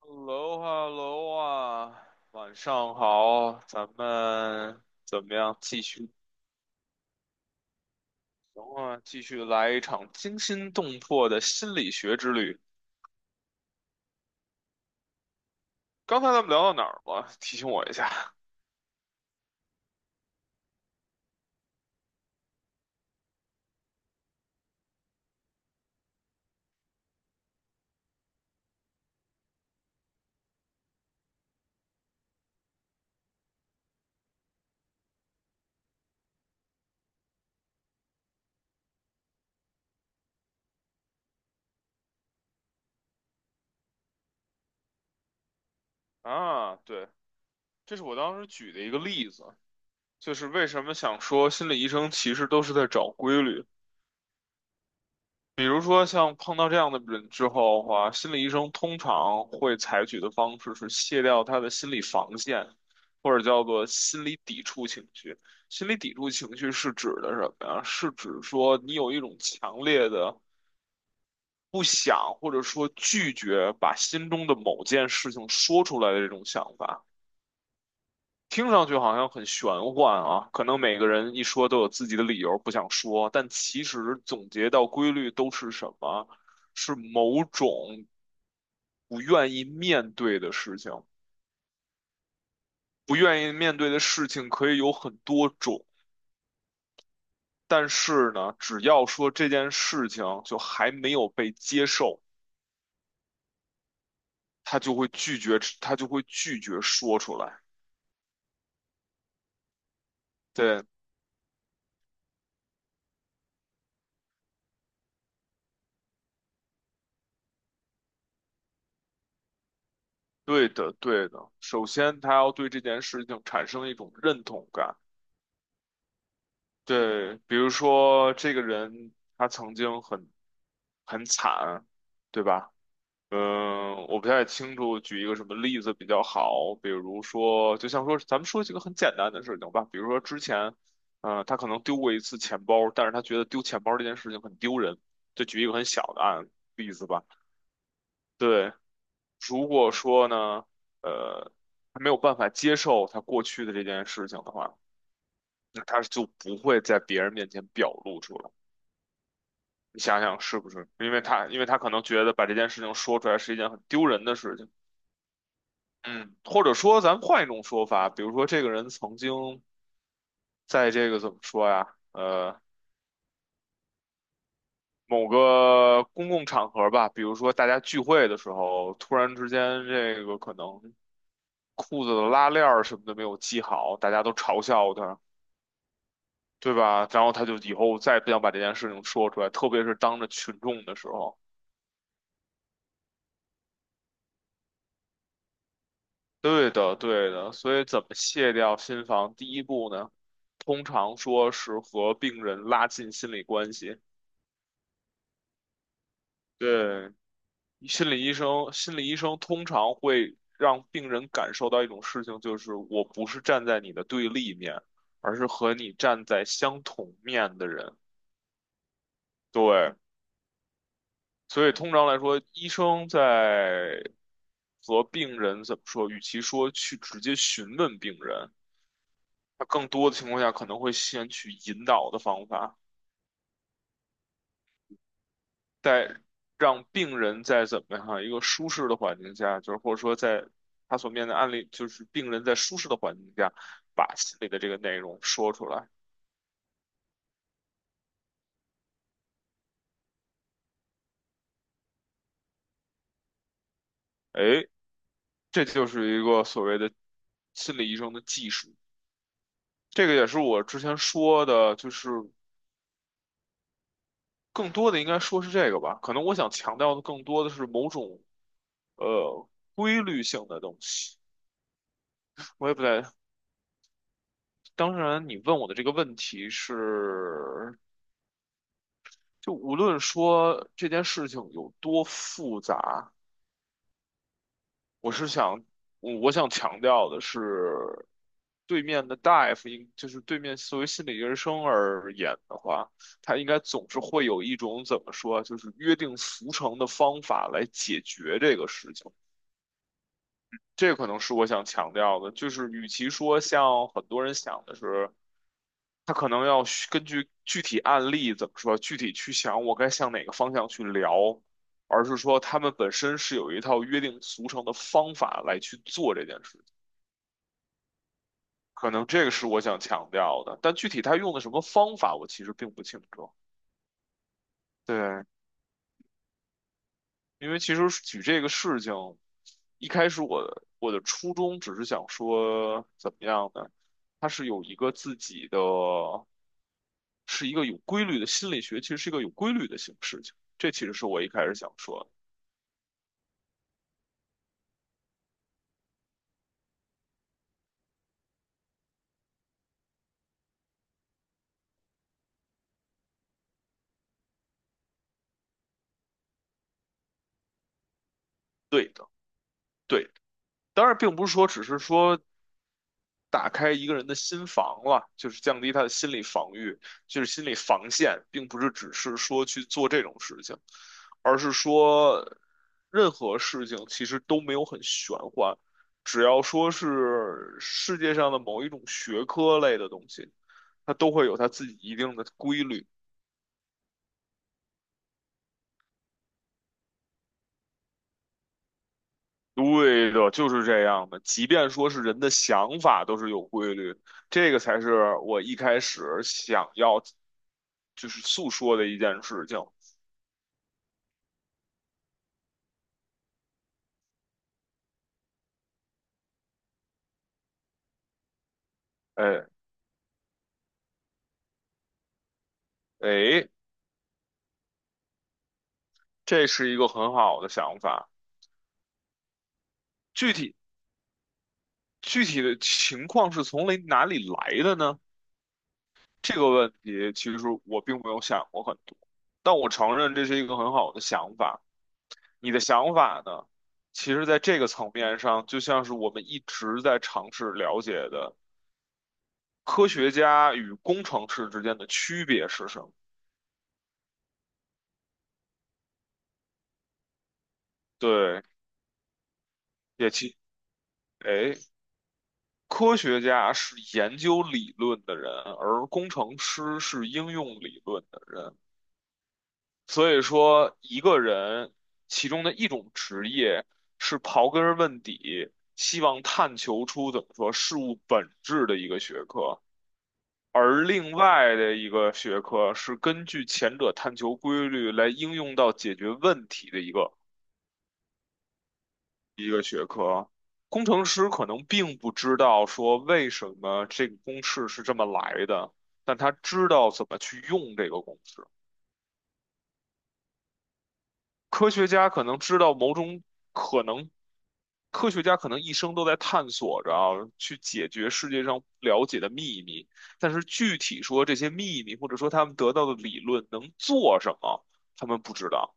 h e l l o h e l l o 啊，晚上好，咱们怎么样？继续，行啊，继续来一场惊心动魄的心理学之旅。刚才咱们聊到哪儿了？提醒我一下 啊。对，这是我当时举的一个例子，就是为什么想说心理医生其实都是在找规律。比如说像碰到这样的人之后的话，心理医生通常会采取的方式是卸掉他的心理防线，或者叫做心理抵触情绪。心理抵触情绪是指的什么呀？是指说你有一种强烈的不想或者说拒绝把心中的某件事情说出来的这种想法。听上去好像很玄幻啊，可能每个人一说都有自己的理由不想说，但其实总结到规律都是什么？是某种不愿意面对的事情。不愿意面对的事情可以有很多种，但是呢，只要说这件事情就还没有被接受，他就会拒绝，他就会拒绝说出来。对，对的，对的。首先，他要对这件事情产生一种认同感。对，比如说这个人他曾经很惨，对吧？嗯，我不太清楚，举一个什么例子比较好？比如说，就像说，咱们说几个很简单的事情吧。比如说之前，他可能丢过一次钱包，但是他觉得丢钱包这件事情很丢人。就举一个很小的例子吧。对，如果说呢，呃，他没有办法接受他过去的这件事情的话，那他就不会在别人面前表露出来。你想想是不是？因为他可能觉得把这件事情说出来是一件很丢人的事情。嗯，或者说，咱们换一种说法，比如说，这个人曾经在这个怎么说呀？某个公共场合吧，比如说大家聚会的时候，突然之间，这个可能裤子的拉链儿什么的没有系好，大家都嘲笑他，对吧？然后他就以后再也不想把这件事情说出来，特别是当着群众的时候。对的，对的，所以怎么卸掉心防？第一步呢，通常说是和病人拉近心理关系。对，心理医生通常会让病人感受到一种事情，就是我不是站在你的对立面，而是和你站在相同面的人。对，所以通常来说，医生在和病人怎么说？与其说去直接询问病人。他更多的情况下可能会先去引导的方法，再让病人在怎么样一个舒适的环境下，就是或者说在他所面对的案例，就是病人在舒适的环境下把心里的这个内容说出来。哎，这就是一个所谓的心理医生的技术。这个也是我之前说的，就是更多的应该说是这个吧。可能我想强调的更多的是某种呃规律性的东西。我也不太，当然，你问我的这个问题是，就无论说这件事情有多复杂，我是想，我想强调的是，对面的大夫应，就是对面作为心理医生而言的话，他应该总是会有一种怎么说，就是约定俗成的方法来解决这个事情。这可能是我想强调的，就是与其说像很多人想的是。他可能需根据具体案例怎么说，具体去想我该向哪个方向去聊，而是说他们本身是有一套约定俗成的方法来去做这件事情。可能这个是我想强调的，但具体他用的什么方法，我其实并不清楚。对，因为其实举这个事情，一开始我的初衷只是想说，怎么样呢？它是有一个自己的。是一个有规律的心理学，其实是一个有规律的形事情。这其实是我一开始想说的，对的，对的。当然，并不是说只是说打开一个人的心房了，就是降低他的心理防御，就是心理防线，并不是只是说去做这种事情，而是说任何事情其实都没有很玄幻，只要说是世界上的某一种学科类的东西，它都会有它自己一定的规律。对的，就是这样的。即便说是人的想法都是有规律，这个才是我一开始想要就是诉说的一件事情。哎哎，这是一个很好的想法。具体具体的情况是从哪里来的呢？这个问题其实我并没有想过很多，但我承认这是一个很好的想法。你的想法呢？其实，在这个层面上，就像是我们一直在尝试了解的。科学家与工程师之间的区别是什么？对，也其，哎，科学家是研究理论的人，而工程师是应用理论的人。所以说，一个人其中的一种职业是刨根问底，希望探求出怎么说事物本质的一个学科。而另外的一个学科是根据前者探求规律来应用到解决问题的一个。工程师可能并不知道说为什么这个公式是这么来的，但他知道怎么去用这个公式。科学家可能知道某种。可能，科学家可能一生都在探索着啊，去解决世界上不了解的秘密。但是具体说这些秘密，或者说他们得到的理论能做什么，他们不知道。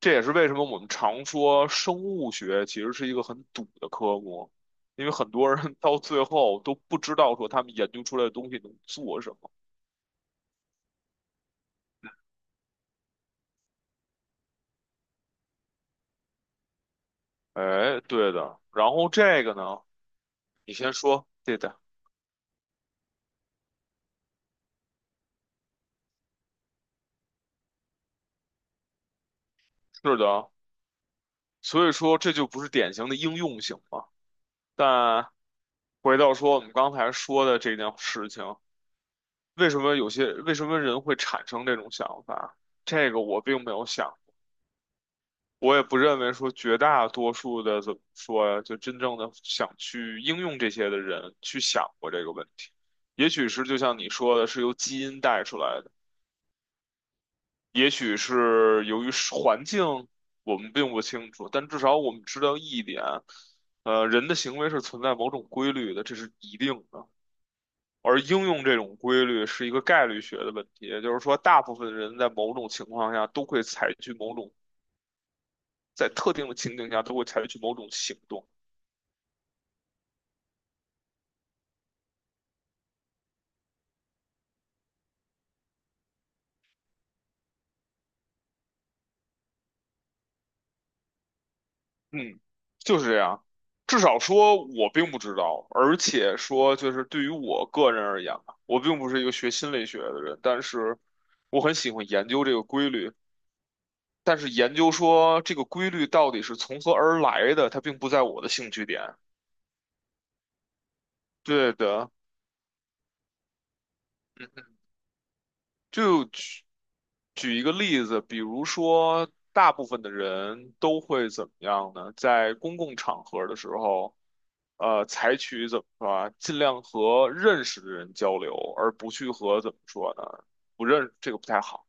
这也是为什么我们常说生物学其实是一个很赌的科目，因为很多人 到最后都不知道说他们研究出来的东西能做什么。哎，对的。然后这个呢，你先说，对的，是的。所以说这就不是典型的应用型嘛。但回到说我们刚才说的这件事情，为什么人会产生这种想法？这个我并没有想。我也不认为说绝大多数的怎么说呀，就真正的想去应用这些的人去想过这个问题。也许是就像你说的，是由基因带出来的，也许是由于是环境，我们并不清楚，但至少我们知道一点，人的行为是存在某种规律的，这是一定的。而应用这种规律是一个概率学的问题，也就是说，大部分人在某种情况下都会采取某种，在特定的情景下都会采取某种行动。嗯，就是这样。至少说，我并不知道，而且说，就是对于我个人而言吧，我并不是一个学心理学的人，但是我很喜欢研究这个规律。但是研究说这个规律到底是从何而来的，它并不在我的兴趣点。对的，嗯就举举一个例子，比如说，大部分的人都会怎么样呢？在公共场合的时候，采取怎么说啊，尽量和认识的人交流，而不去和怎么说呢，不认，这个不太好。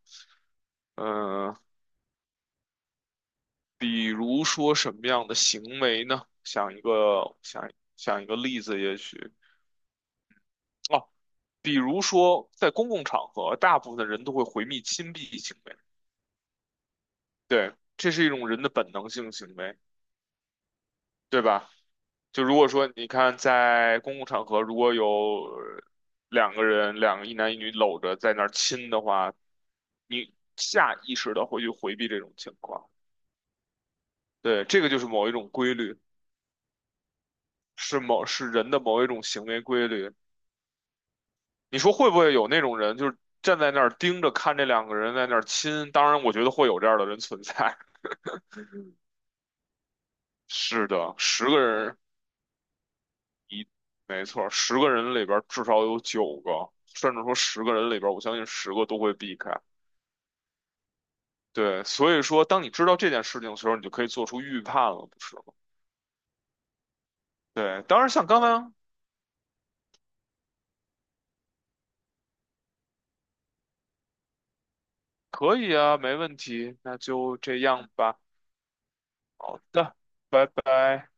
嗯、比如说什么样的行为呢？想想一个例子，也许哦，比如说在公共场合，大部分的人都会回避亲密行为。对，这是一种人的本能性行为，对吧？就如果说你看在公共场合，如果有两个人，两个一男一女搂着在那儿亲的话，你下意识的会去回避这种情况。对，这个就是某一种规律，是人的某一种行为规律。你说会不会有那种人，就是站在那儿盯着看这两个人在那儿亲？当然，我觉得会有这样的人存在。是的，10个人。没错，十个人里边儿至少有9个，甚至说十个人里边儿我相信十个都会避开。对，所以说，当你知道这件事情的时候，你就可以做出预判了，不是吗？对，当然像刚刚。可以啊，没问题，那就这样吧。好的，拜拜。